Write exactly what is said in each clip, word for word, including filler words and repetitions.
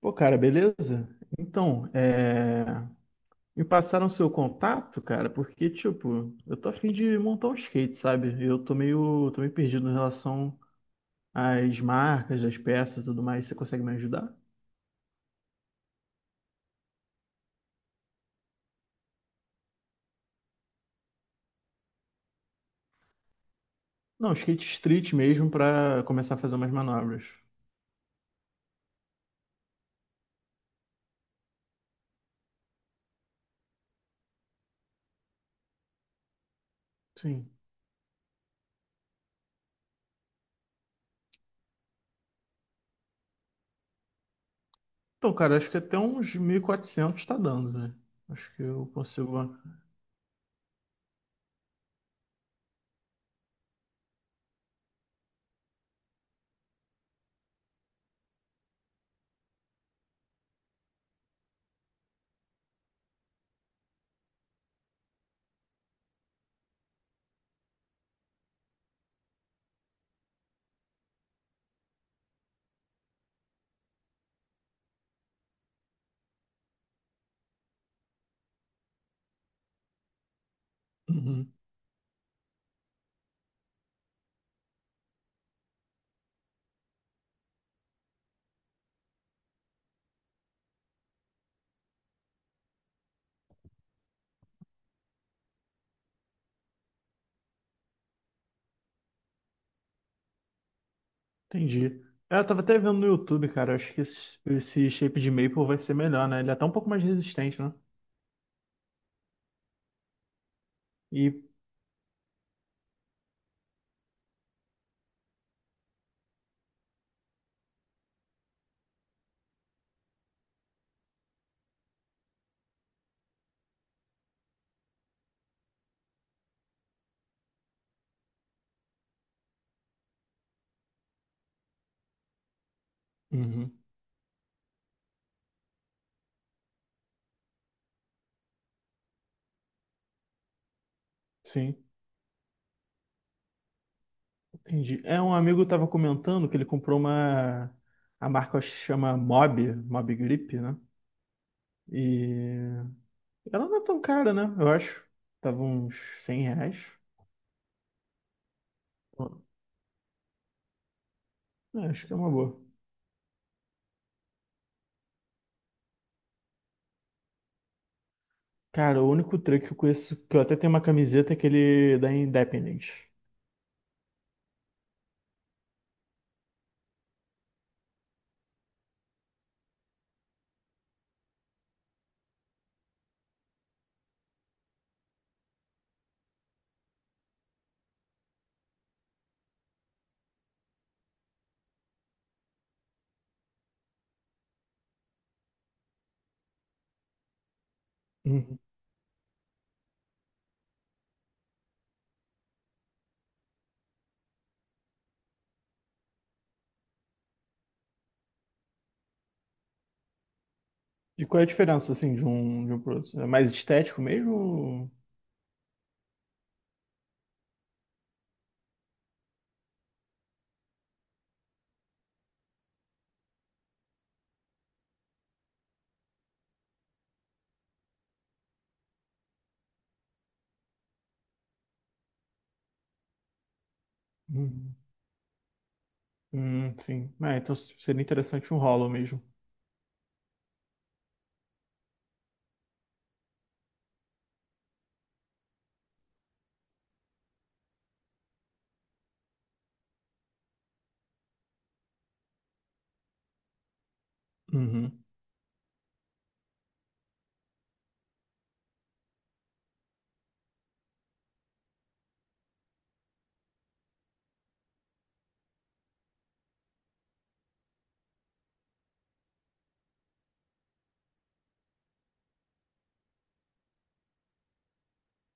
Pô, cara, beleza? Então, é... me passaram o seu contato, cara, porque, tipo, eu tô a fim de montar um skate, sabe? Eu tô meio, tô meio perdido em relação às marcas, às peças e tudo mais. Você consegue me ajudar? Não, skate street mesmo pra começar a fazer umas manobras. Sim. Então, cara, acho que até uns mil e quatrocentos tá dando, né? Acho que eu consigo. Uhum, entendi. É, eu tava até vendo no YouTube, cara. Acho que esse, esse shape de maple vai ser melhor, né? Ele é até um pouco mais resistente, né? E Uhum. Sim, entendi. É, um amigo estava comentando que ele comprou uma. A marca acho que chama Mob, Mob Grip, né? E ela não é tão cara, né? Eu acho. Tava uns cem reais. É, acho que é uma boa. Cara, o único truque que eu conheço, que eu até tenho uma camiseta, é aquele da Independence. Uhum. E qual é a diferença, assim, de um, de um pro outro? É mais estético mesmo? Uhum. Hum, sim. Ah, então seria interessante um Hollow mesmo. Uhum.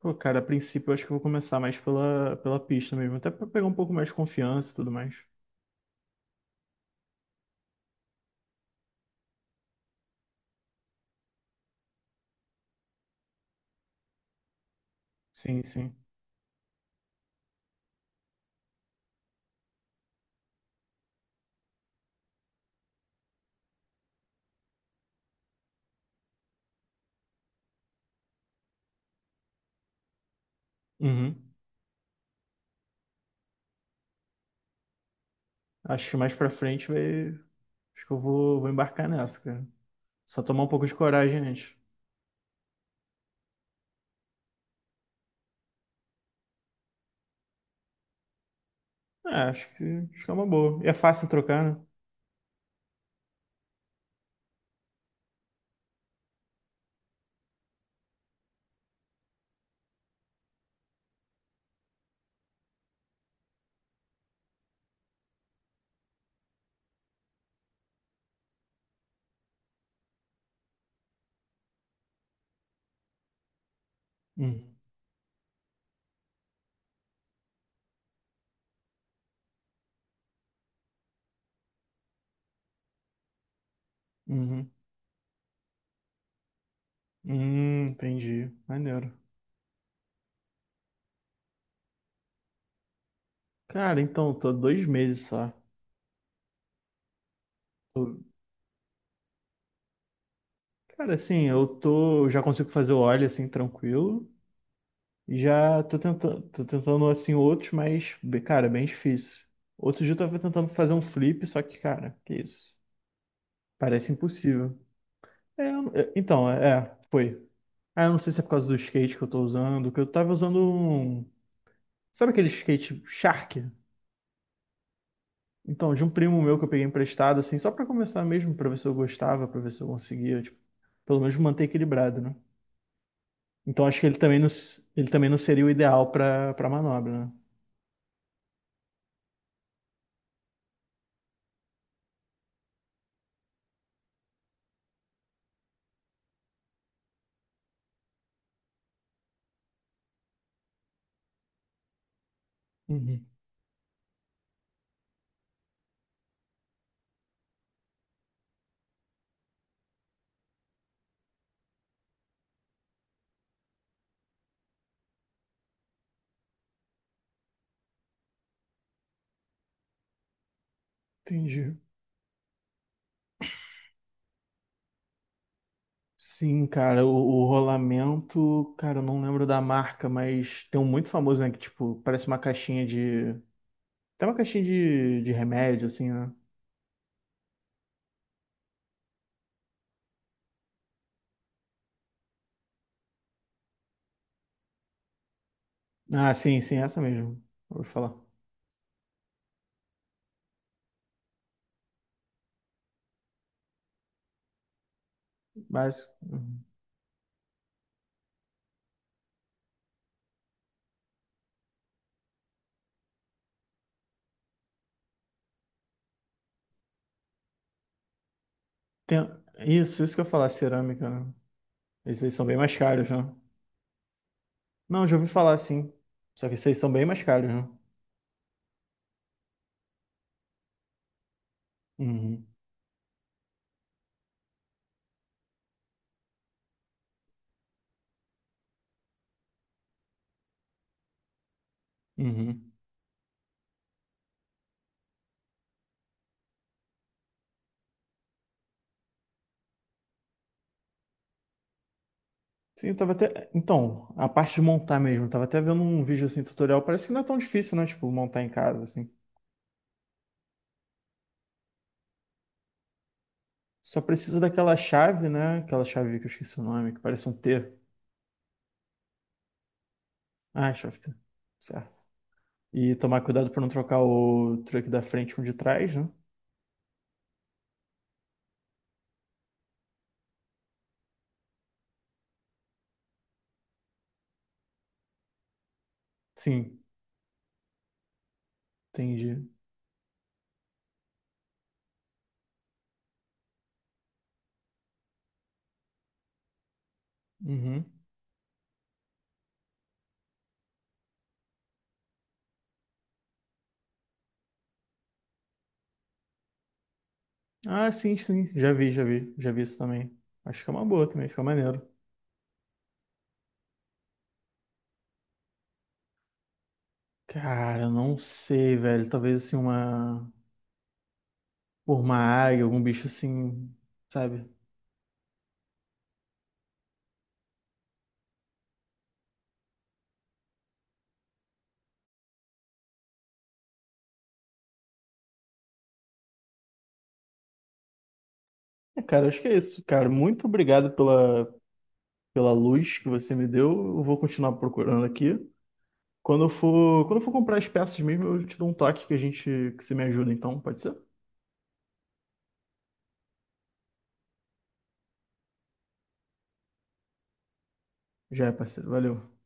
Pô, cara, a princípio eu acho que eu vou começar mais pela, pela pista mesmo, até pra pegar um pouco mais de confiança e tudo mais. Sim, sim. Uhum. Acho que mais pra frente vai. Acho que eu vou, vou embarcar nessa, cara. Só tomar um pouco de coragem antes. É, acho que, acho que é uma boa. E é fácil trocar, né? Uhum. Uhum. Hum, entendi. Maneiro. Cara, então, tô há dois meses só. Cara, assim, eu tô. Eu já consigo fazer o óleo assim, tranquilo. Já tô tentando, tô tentando assim outros, mas, be- cara, é bem difícil. Outro dia eu tava tentando fazer um flip, só que, cara, que isso? Parece impossível. É, eu- é, então, é, é, foi. Ah, eu não sei se é por causa do skate que eu tô usando, que eu tava usando um. Sabe aquele skate Shark? Então, de um primo meu que eu peguei emprestado, assim, só pra começar mesmo, pra ver se eu gostava, pra ver se eu conseguia, tipo, pelo menos manter equilibrado, né? Então acho que ele também não, s- ele também não seria o ideal pra, pra manobra, né? Uhum. Entendi. Sim, cara, o, o rolamento, cara, eu não lembro da marca, mas tem um muito famoso, né? Que, tipo, parece uma caixinha de. Tem uma caixinha de, de remédio, assim, né? Ah, sim, sim, é essa mesmo. Vou falar. Mas. Uhum. Tem... Isso, isso que eu ia falar, cerâmica, né? Esses aí são bem mais caros, né? Não, já ouvi falar, sim. Só que esses aí são bem mais caros, né? Uhum, uhum. Sim, eu tava até. Então, a parte de montar mesmo, eu tava até vendo um vídeo assim, tutorial. Parece que não é tão difícil, né? Tipo, montar em casa, assim. Só precisa daquela chave, né? Aquela chave que eu esqueci o nome, que parece um T. Ah, chave T. Certo. E tomar cuidado pra não trocar o truque da frente com o de trás, né? Sim, entendi. Uhum. Ah, sim, sim. Já vi, já vi. Já vi isso também. Acho que é uma boa também, fica maneiro. Cara, eu não sei, velho. Talvez assim uma. Por uma águia, algum bicho assim, sabe? É, cara, acho que é isso, cara. Muito obrigado pela, pela luz que você me deu. Eu vou continuar procurando aqui. Quando eu for, quando eu for comprar as peças mesmo, eu te dou um toque que a gente que você me ajuda, então, pode ser? Já é, parceiro. Valeu.